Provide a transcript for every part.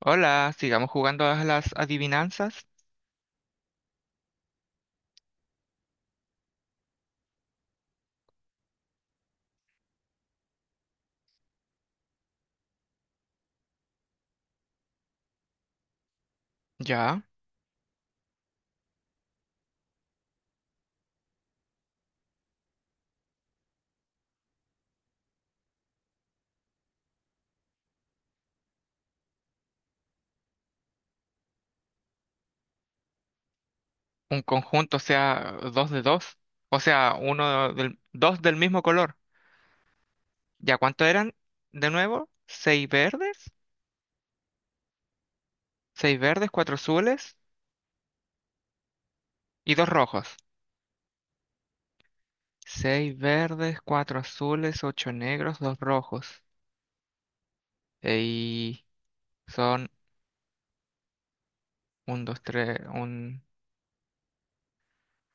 Hola, sigamos jugando a las adivinanzas. Ya, un conjunto, o sea, dos de dos. O sea, dos del mismo color. ¿Ya cuánto eran? De nuevo, seis verdes, cuatro azules y dos rojos. Seis verdes, cuatro azules, ocho negros, dos rojos. Y son un, dos, tres, un,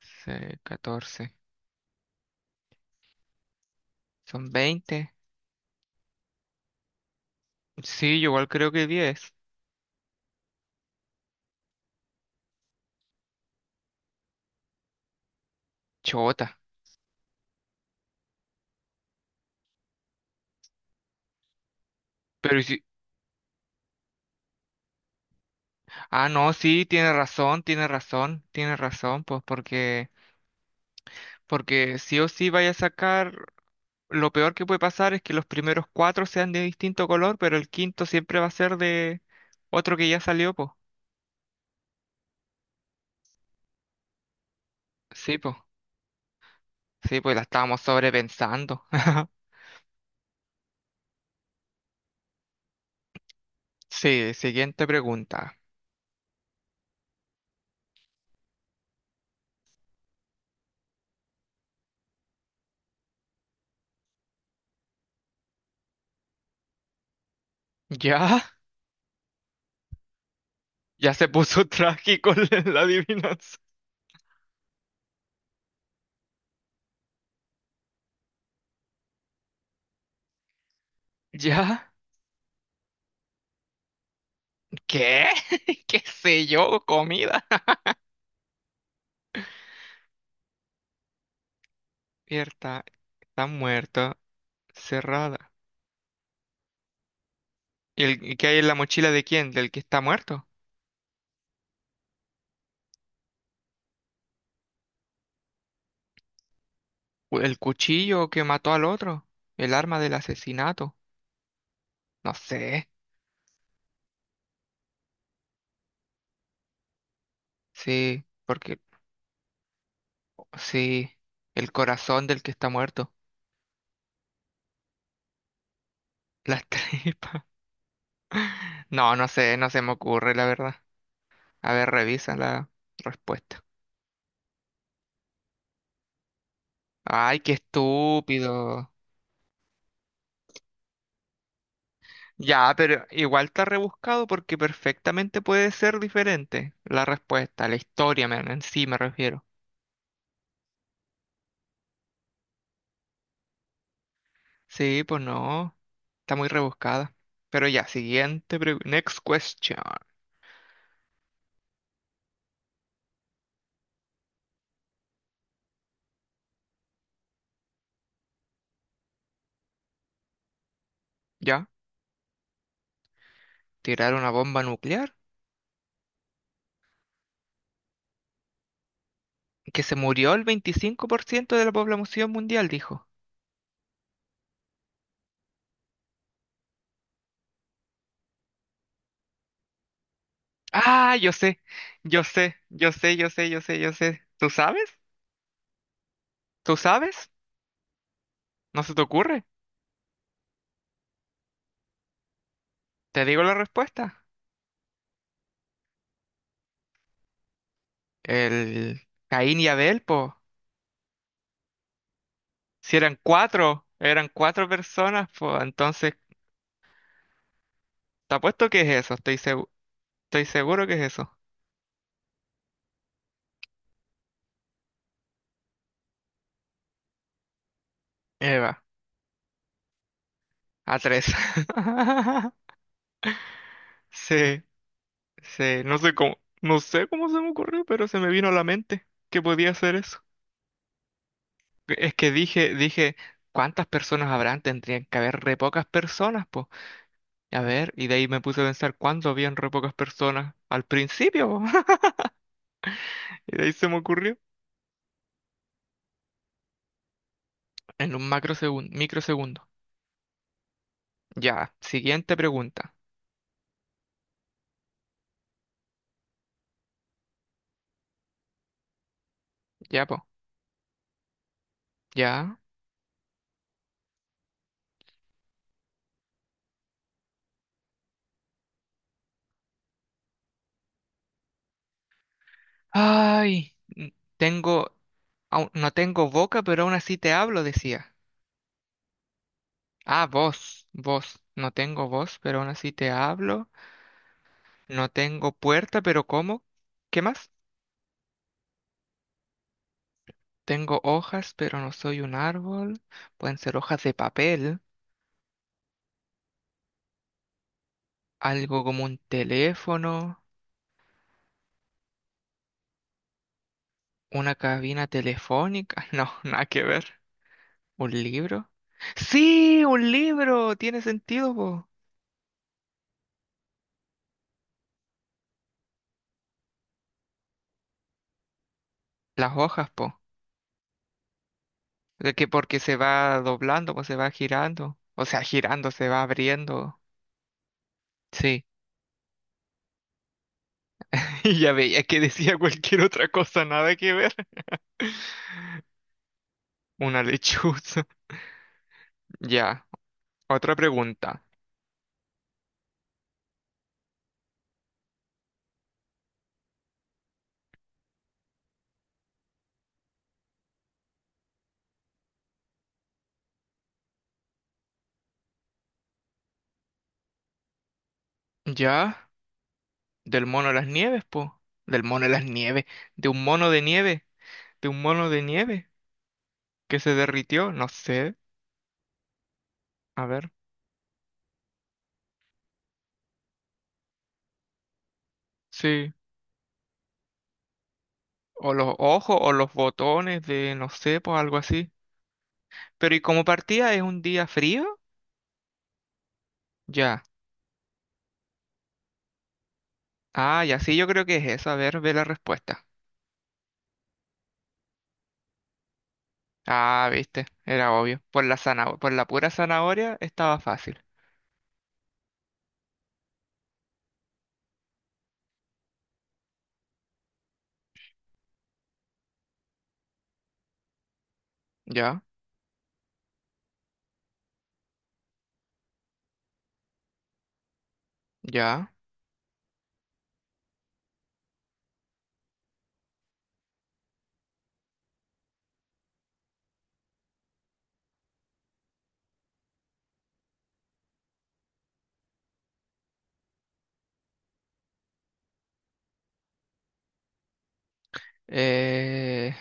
seis, 14. Son 20. Sí, yo igual creo que 10. Chota. Pero ¿y si Ah, no, sí, tiene razón, tiene razón, tiene razón, pues porque sí o sí vaya a sacar, lo peor que puede pasar es que los primeros cuatro sean de distinto color, pero el quinto siempre va a ser de otro que ya salió, pues. Sí, pues, sí, pues la estábamos sobrepensando. Sí, siguiente pregunta. ¿Ya? Ya se puso trágico la adivinanza. ¿Ya? ¿Qué? ¿Qué sé yo? ¿Comida? Abierta, está muerto, cerrada. ¿El que hay en la mochila de quién? ¿Del que está muerto? ¿O ¿El cuchillo que mató al otro? ¿El arma del asesinato? No sé. Sí, porque sí. El corazón del que está muerto. Las tripas. No, no sé, no se me ocurre, la verdad. A ver, revisa la respuesta. Ay, qué estúpido. Ya, pero igual está rebuscado porque perfectamente puede ser diferente la respuesta, la historia, men, en sí me refiero. Sí, pues no. Está muy rebuscada. Pero ya, siguiente pregunta. Next question. ¿Ya? ¿Tirar una bomba nuclear? Que se murió el 25% de la población mundial, dijo. Ah, yo sé. Yo sé, yo sé, yo sé, yo sé, yo sé. ¿Tú sabes? ¿Tú sabes? ¿No se te ocurre? Te digo la respuesta. El Caín y Abel, po. Si eran cuatro, eran cuatro personas, po. Entonces, te apuesto que es eso. Estoy seguro que es eso. Eva. A tres. Sí, sí, no sé cómo se me ocurrió, pero se me vino a la mente que podía hacer eso. Es que dije, ¿cuántas personas habrán? Tendrían que haber re pocas personas, pues. A ver, y de ahí me puse a pensar cuándo habían re pocas personas al principio, po. Y de ahí se me ocurrió en un macrosegundo, microsegundo. Ya, siguiente pregunta. Ya, po. Ya. Ay, no tengo boca, pero aún así te hablo, decía. Ah, voz, voz. No tengo voz, pero aún así te hablo. No tengo puerta, pero ¿cómo? ¿Qué más? Tengo hojas, pero no soy un árbol. Pueden ser hojas de papel, algo como un teléfono, una cabina telefónica. No, nada que ver. ¿Un libro? Sí, un libro. Tiene sentido, po. Las hojas, po. De que porque se va doblando, pues se va girando. O sea, girando, se va abriendo. Sí. Y ya veía que decía cualquier otra cosa, nada que ver. Una lechuza. Ya, otra pregunta. Ya, del mono de las nieves, po. Del mono de las nieves. De un mono de nieve. De un mono de nieve que se derritió, no sé. A ver. Sí. O los ojos o los botones de, no sé, pues algo así. Pero ¿y como partía es un día frío? Ya. Ah, ya sí, yo creo que es eso. A ver, ve la respuesta. Ah, viste, era obvio. Por la zanahoria, por la pura zanahoria estaba fácil. Ya, ya. Eh,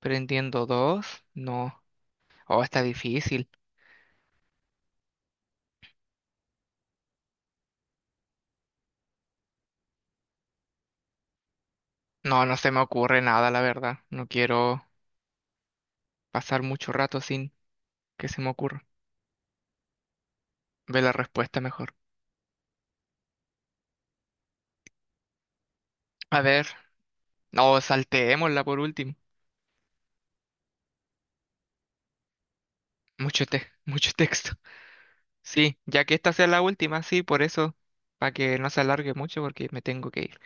prendiendo dos. No. Oh, está difícil. No, no se me ocurre nada, la verdad. No quiero pasar mucho rato sin que se me ocurra. Ve la respuesta mejor. A ver. No, salteémosla por último. Mucho texto. Sí, ya que esta sea la última, sí, por eso, para que no se alargue mucho porque me tengo que ir.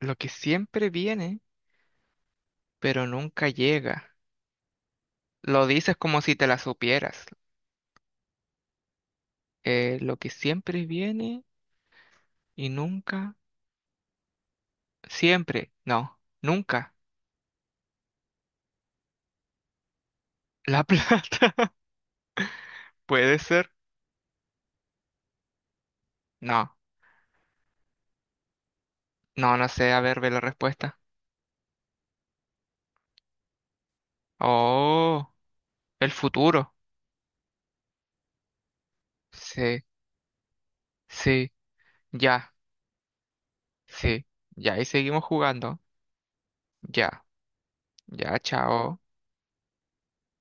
Lo que siempre viene, pero nunca llega. Lo dices como si te la supieras. Lo que siempre viene. Y nunca, siempre, no, nunca. La plata. Puede ser. No, no, no sé. A ver, ve la respuesta. Oh, el futuro. Sí, sí, ya, sí, ya. Y seguimos jugando. Ya, ya, chao.